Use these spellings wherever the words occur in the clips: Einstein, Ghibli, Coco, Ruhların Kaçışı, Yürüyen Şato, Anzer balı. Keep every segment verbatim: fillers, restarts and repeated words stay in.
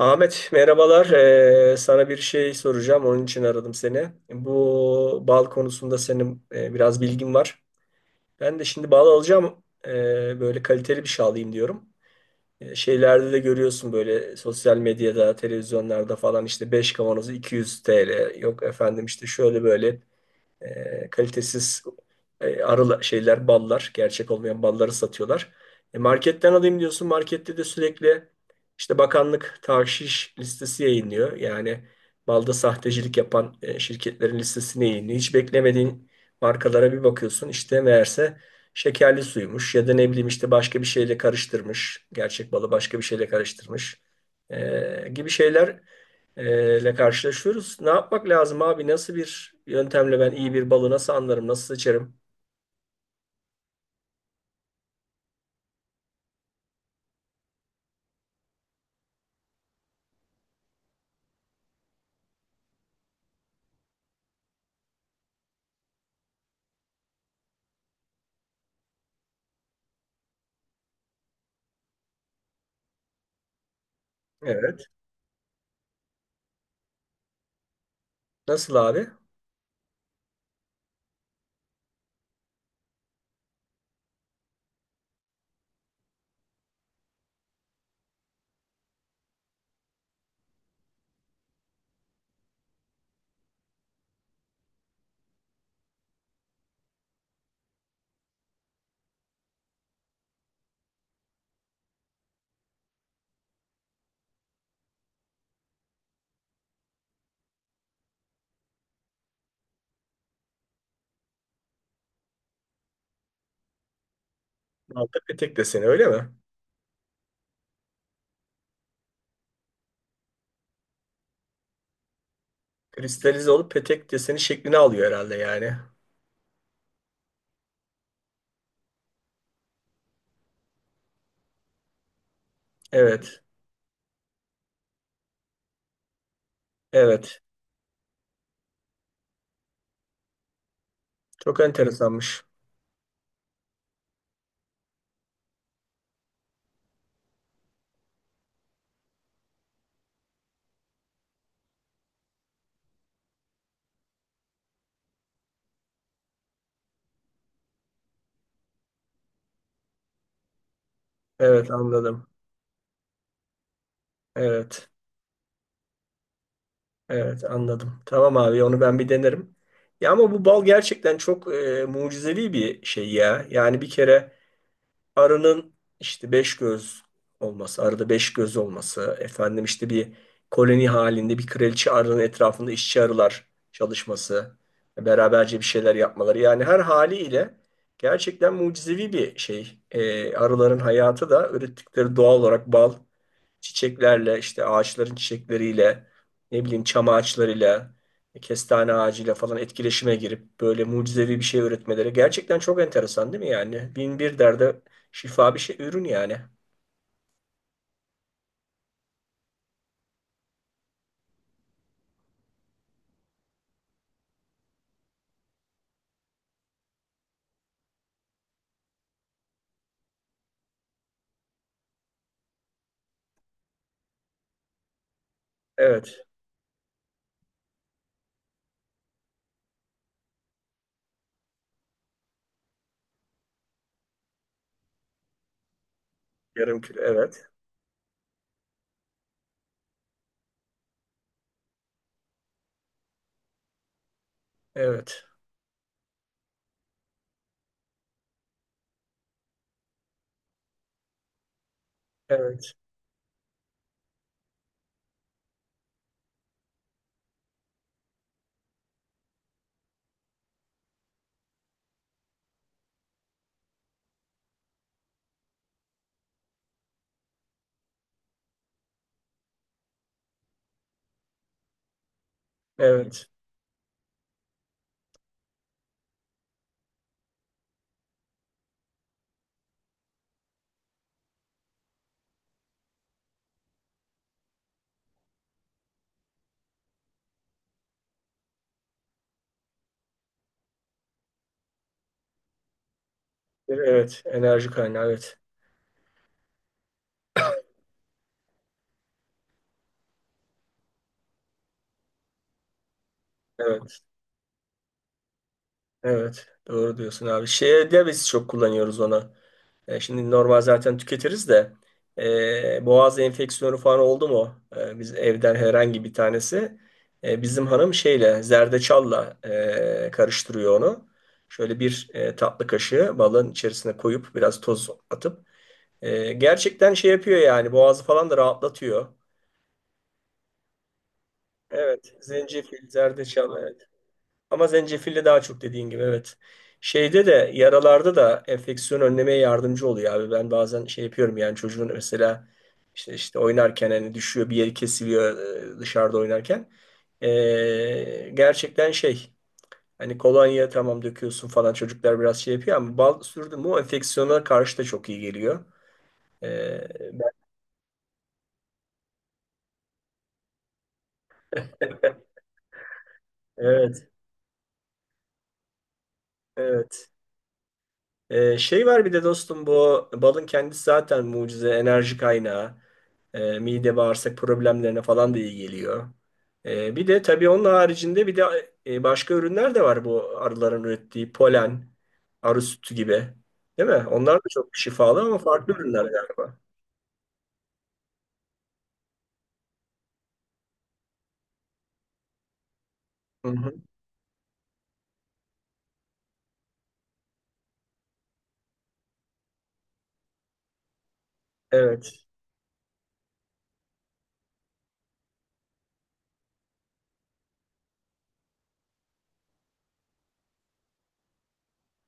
Ahmet merhabalar. Ee, sana bir şey soracağım. Onun için aradım seni. Bu bal konusunda senin e, biraz bilgin var. Ben de şimdi bal alacağım. Ee, böyle kaliteli bir şey alayım diyorum. Ee, şeylerde de görüyorsun böyle sosyal medyada, televizyonlarda falan işte beş kavanozu iki yüz lira. Yok efendim işte şöyle böyle. E, kalitesiz e, arı şeyler, ballar, gerçek olmayan balları satıyorlar. E, marketten alayım diyorsun. Markette de sürekli işte bakanlık tahşiş listesi yayınlıyor. Yani balda sahtecilik yapan e, şirketlerin listesini yayınlıyor. Hiç beklemediğin markalara bir bakıyorsun. İşte meğerse şekerli suymuş ya da ne bileyim işte başka bir şeyle karıştırmış. Gerçek balı başka bir şeyle karıştırmış. E, gibi şeyler e, ile karşılaşıyoruz. Ne yapmak lazım abi? Nasıl bir yöntemle ben iyi bir balı nasıl anlarım, nasıl seçerim? Evet. Nasıl abi? Balta petek deseni öyle mi? Kristalize olup petek deseni şeklini alıyor herhalde yani. Evet. Evet. Çok enteresanmış. Evet, anladım. Evet. Evet, anladım. Tamam abi, onu ben bir denerim. Ya ama bu bal gerçekten çok e, mucizevi bir şey ya. Yani bir kere arının işte beş göz olması, arada beş göz olması, efendim işte bir koloni halinde bir kraliçe arının etrafında işçi arılar çalışması, beraberce bir şeyler yapmaları. Yani her haliyle gerçekten mucizevi bir şey. Ee, arıların hayatı da ürettikleri doğal olarak bal, çiçeklerle, işte ağaçların çiçekleriyle, ne bileyim çam ağaçlarıyla, kestane ağacıyla falan etkileşime girip böyle mucizevi bir şey üretmeleri gerçekten çok enteresan değil mi yani? Bin bir derde şifa bir şey, ürün yani. Evet. Yarım kilo. Evet. Evet. Evet. Evet. Evet. Enerji kaynağı. Evet. Evet. Evet. Doğru diyorsun abi. Şeyde biz çok kullanıyoruz onu. E, şimdi normal zaten tüketiriz de e, boğaz enfeksiyonu falan oldu mu? E, biz evden herhangi bir tanesi, e, bizim hanım şeyle zerdeçalla e, karıştırıyor onu. Şöyle bir e, tatlı kaşığı balın içerisine koyup biraz toz atıp. Ee, gerçekten şey yapıyor yani, boğazı falan da rahatlatıyor. Evet, zencefil, zerdeçal, evet. Ama zencefille daha çok, dediğin gibi, evet. Şeyde de, yaralarda da enfeksiyon önlemeye yardımcı oluyor abi. Ben bazen şey yapıyorum yani, çocuğun mesela işte işte oynarken, hani düşüyor, bir yeri kesiliyor e, dışarıda oynarken. Ee, gerçekten şey, hani kolonya tamam döküyorsun falan, çocuklar biraz şey yapıyor ama bal sürdün mü o enfeksiyona karşı da çok iyi geliyor. Ee, ben- evet, evet. Ee, şey var bir de dostum, bu balın kendisi zaten mucize enerji kaynağı. Ee, mide bağırsak problemlerine falan da iyi geliyor. Ee, bir de tabii onun haricinde bir de e, başka ürünler de var, bu arıların ürettiği polen, arı sütü gibi. Değil mi? Onlar da çok şifalı ama farklı ürünler galiba. Hı hı. Evet,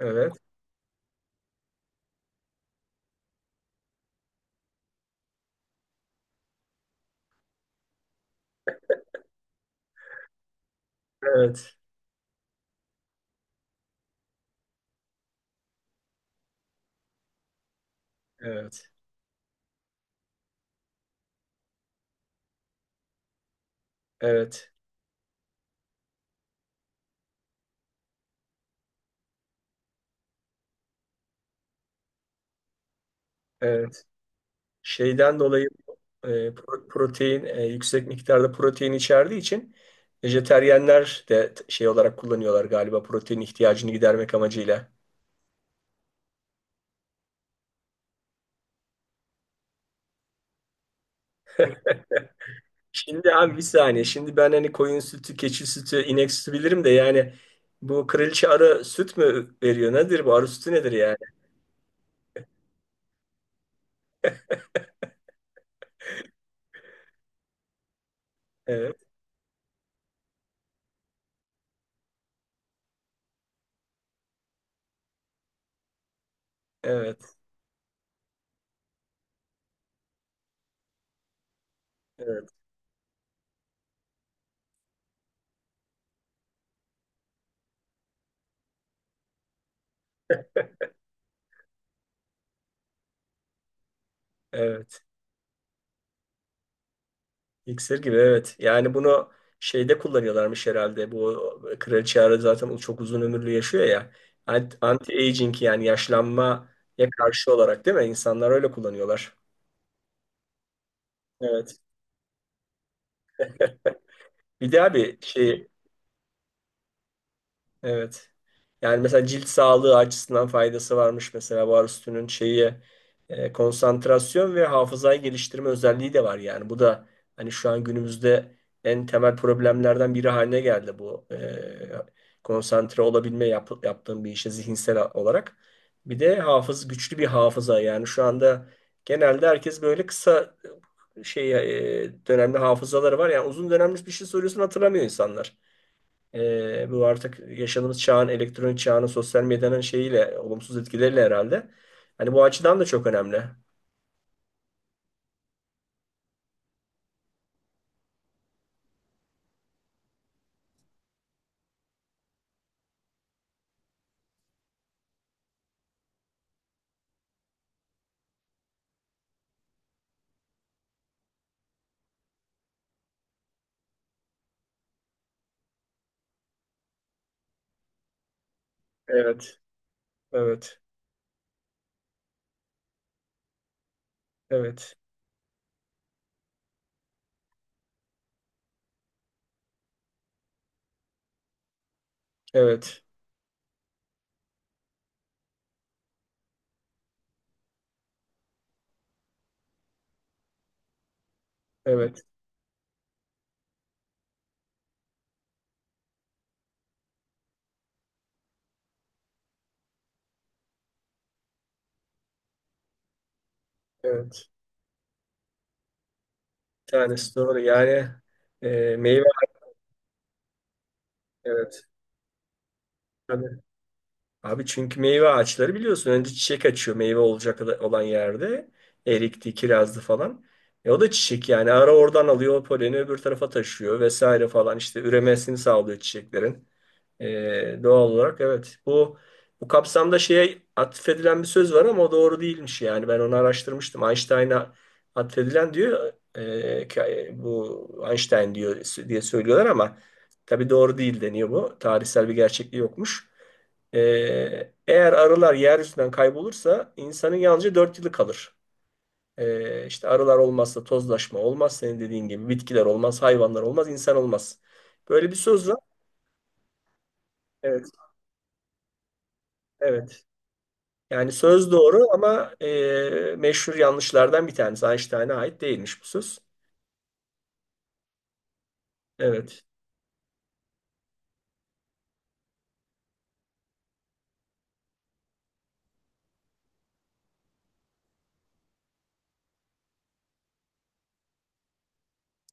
evet, evet, evet, evet, evet. Şeyden dolayı e, pro- protein, e, yüksek miktarda protein içerdiği için vejeteryenler de t- şey olarak kullanıyorlar galiba, protein ihtiyacını gidermek amacıyla. Şimdi abi bir saniye. Şimdi ben hani koyun sütü, keçi sütü, inek sütü bilirim de yani bu kraliçe arı süt mü veriyor? Nedir bu? Arı sütü nedir yani? Evet, evet, evet, evet. İksir gibi, evet. Yani bunu şeyde kullanıyorlarmış herhalde. Bu kraliçe Ara zaten o çok uzun ömürlü yaşıyor ya. Ant- Anti-aging, yani yaşlanmaya karşı olarak, değil mi? İnsanlar öyle kullanıyorlar. Evet. Bir de abi şey. Evet. Yani mesela cilt sağlığı açısından faydası varmış mesela, bu arüstünün şeyi, e, konsantrasyon ve hafızayı geliştirme özelliği de var yani. Bu da hani şu an günümüzde en temel problemlerden biri haline geldi, bu e, konsantre olabilme, yap, yaptığım bir işe zihinsel olarak. Bir de hafız güçlü bir hafıza yani, şu anda genelde herkes böyle kısa e, şey e, dönemli hafızaları var. Yani uzun dönemli bir şey soruyorsun, hatırlamıyor insanlar. Ee, bu artık yaşadığımız çağın, elektronik çağının, sosyal medyanın şeyiyle, olumsuz etkileriyle herhalde. Hani bu açıdan da çok önemli. Evet, evet, evet, evet, evet, evet. Bir tanesi doğru. Yani e, meyve, evet. Tabii. Abi, çünkü meyve ağaçları biliyorsun, önce çiçek açıyor meyve olacak olan yerde. Erikti, kirazdı falan. E o da çiçek yani. Ara oradan alıyor o poleni, öbür tarafa taşıyor vesaire falan. İşte üremesini sağlıyor çiçeklerin. Ee, doğal olarak, evet. Bu bu kapsamda şeye atfedilen bir söz var ama o doğru değilmiş yani. Ben onu araştırmıştım. Einstein'a atfedilen diyor. Ee, ki- e, bu Einstein diyor diye söylüyorlar ama tabii doğru değil deniyor bu. Tarihsel bir gerçekliği yokmuş. Ee, eğer arılar yeryüzünden kaybolursa insanın yalnızca dört yılı kalır. Ee, işte arılar olmazsa tozlaşma olmaz, senin dediğin gibi bitkiler olmaz, hayvanlar olmaz, insan olmaz. Böyle bir söz var. Evet, evet. Yani söz doğru ama e, meşhur yanlışlardan bir tanesi. Einstein'a ait değilmiş bu söz. Evet,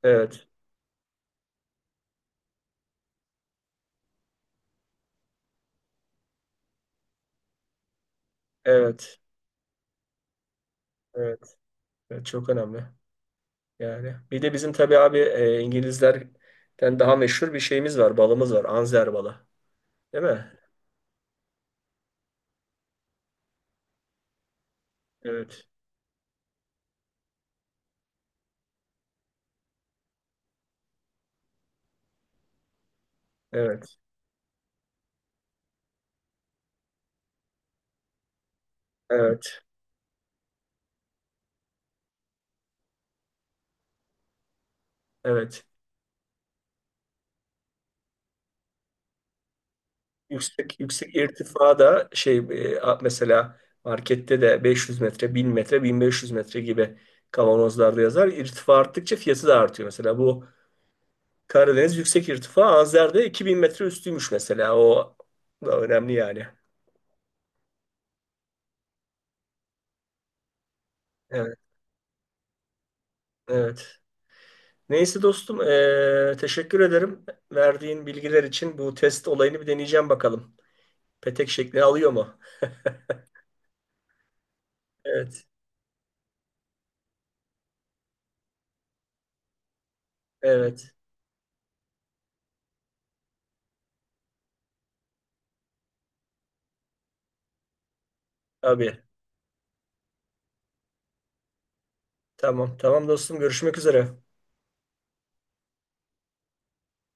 evet, evet, evet, evet. Çok önemli. Yani bir de bizim tabii abi, e, İngilizlerden daha meşhur bir şeyimiz var. Balımız var. Anzer balı. Değil mi? Evet, evet, evet, evet. Yüksek yüksek irtifada şey, e, a- mesela markette de beş yüz metre, bin metre, bin beş yüz metre gibi kavanozlarda yazar. İrtifa arttıkça fiyatı da artıyor. Mesela bu Karadeniz yüksek irtifa. Azer'de iki bin metre üstüymüş mesela. O da önemli yani. Evet, evet. Neyse dostum, eee, teşekkür ederim. Verdiğin bilgiler için bu test olayını bir deneyeceğim bakalım. Petek şeklini alıyor mu? Evet, evet. Abi. Tamam, tamam dostum. Görüşmek üzere.